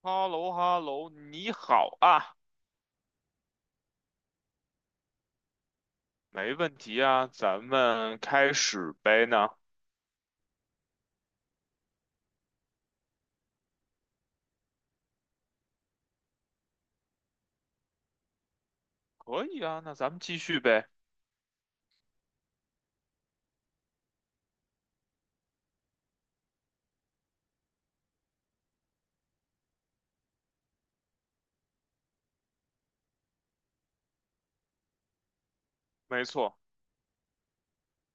哈喽哈喽，你好啊。没问题啊，咱们开始呗呢？可以啊，那咱们继续呗。没错，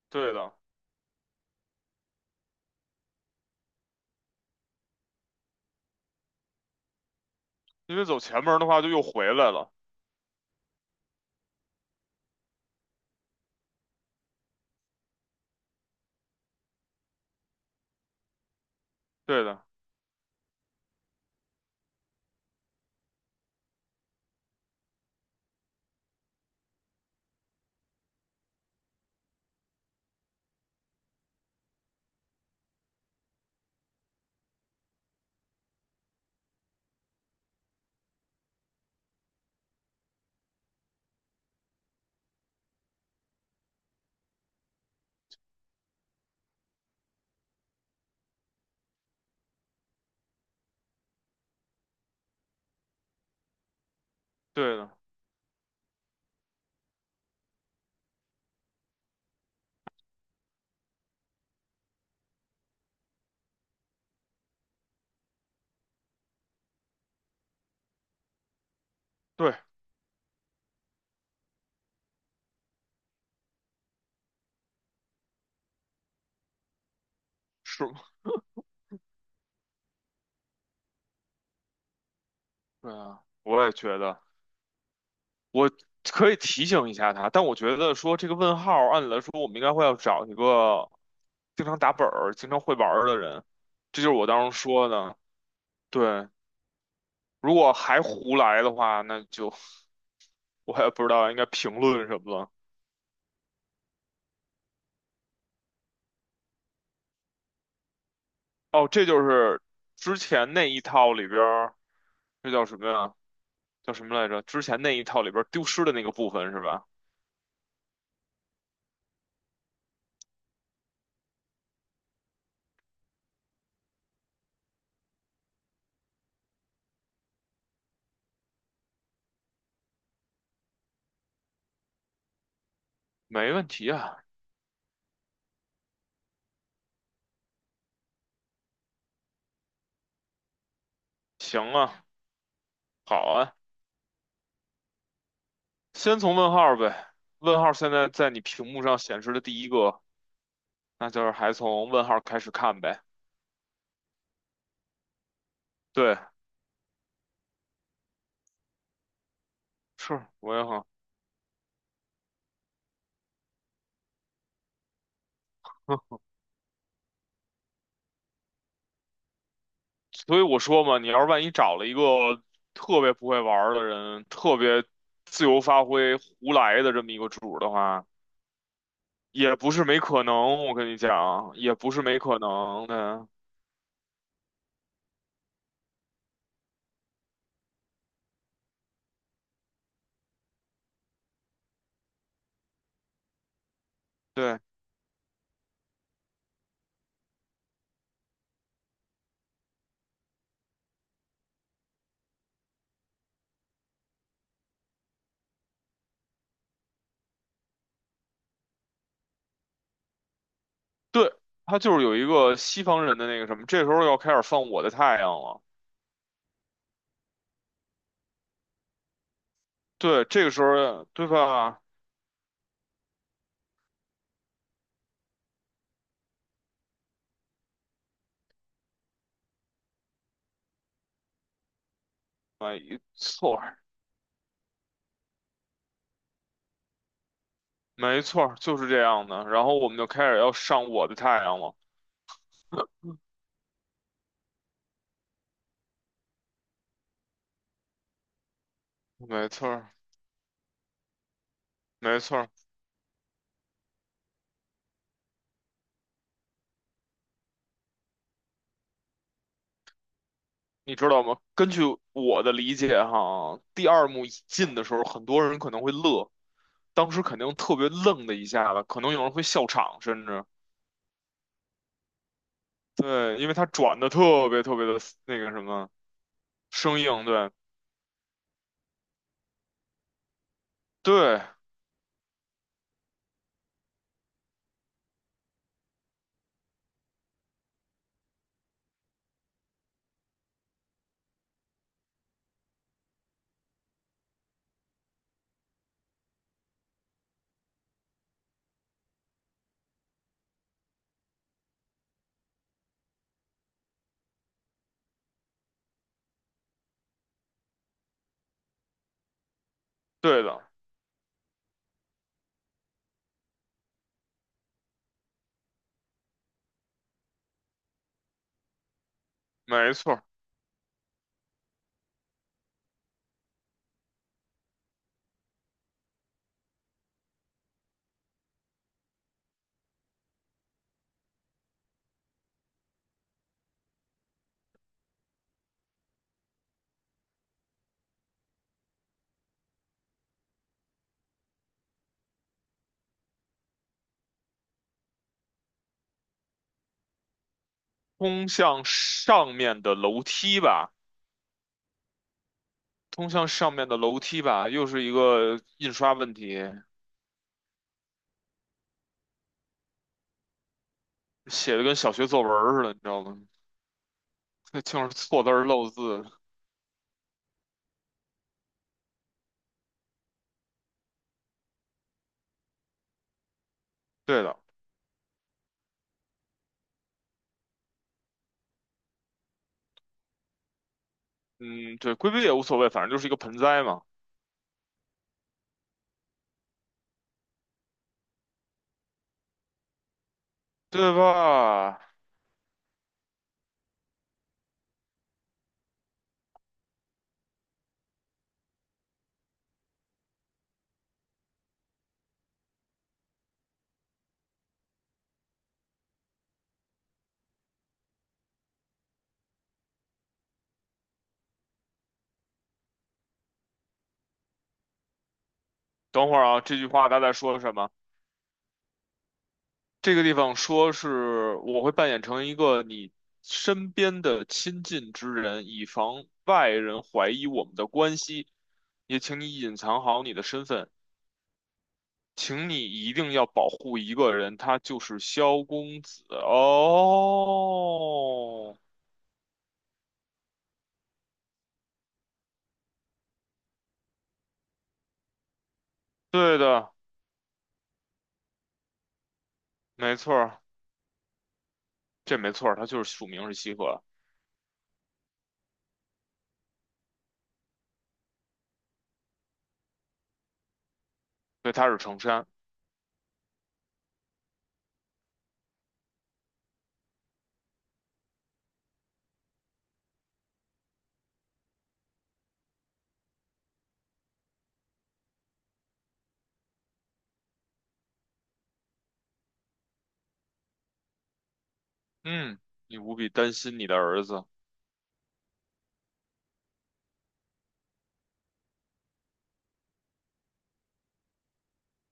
对的，因为走前门儿的话就又回来了。对的，对的，对，是，对啊，我也觉得。我可以提醒一下他，但我觉得说这个问号，按理来说我们应该会要找一个经常打本儿经常会玩儿的人，这就是我当时说的。对，如果还胡来的话，那就我也不知道应该评论什么了。哦，这就是之前那一套里边儿，这叫什么呀？叫什么来着？之前那一套里边儿丢失的那个部分是吧？没问题啊，行啊，好啊，先从问号儿呗。问号儿现在在你屏幕上显示的第一个，那就是还从问号儿开始看呗。对，是，我也很，哼。所以我说嘛，你要是万一找了一个特别不会玩儿的人，特别自由发挥、胡来的这么一个主儿的话。也不是没可能，我跟你讲，也不是没可能的。对对，他就是有一个西方人的那个什么，这时候要开始放我的太阳了。对，这个时候对吧？没错儿。没错儿就是这样的。然后我们就开始要上我的太阳了。没错儿。没错儿。你知道吗？根据我的理解哈，第二幕一进的时候，很多人可能会乐，当时肯定特别愣的一下子，可能有人会笑场，甚至。对，因为它转的特别特别的那个什么生硬，对。对。对的，没错儿。通向上面的楼梯吧。通向上面的楼梯吧，又是一个印刷问题，写的跟小学作文儿似的，你知道吗？那就是错字儿漏字。对的。嗯，对，规避也无所谓，反正就是一个盆栽嘛，对吧？等会儿啊，这句话他在说什么？这个地方说是我会扮演成一个你身边的亲近之人，以防外人怀疑我们的关系，也请你隐藏好你的身份，请你一定要保护一个人，他就是萧公子。哦，对的，没错儿。这没错儿，他就是署名是西河，对，他是程山。嗯，你无比担心你的儿子。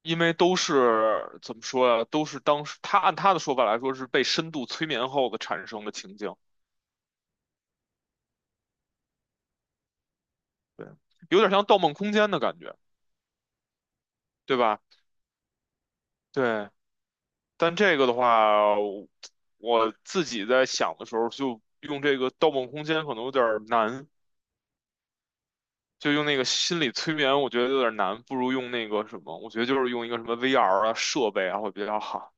因为都是怎么说呀、都是当时他按他的说法来说是被深度催眠后的产生的情境，对，有点像《盗梦空间》的感觉，对吧？对，但这个的话，我自己在想的时候，就用这个《盗梦空间》可能有点儿难，就用那个心理催眠，我觉得有点儿难，不如用那个什么，我觉得就是用一个什么 VR 啊设备啊会比较好。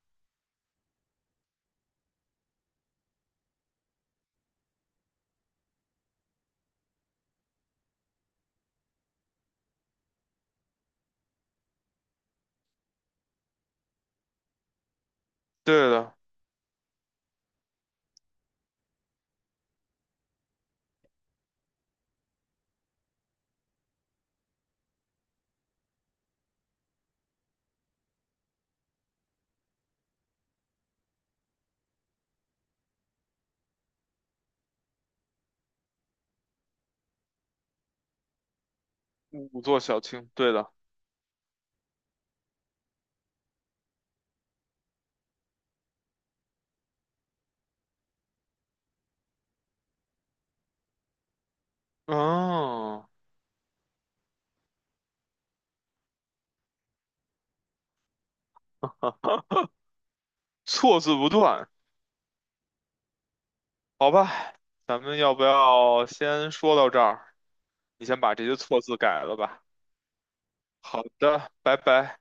对的，五座小青，对的。嗯，错字不断。好吧，咱们要不要先说到这儿？你先把这些错字改了吧。好的，拜拜。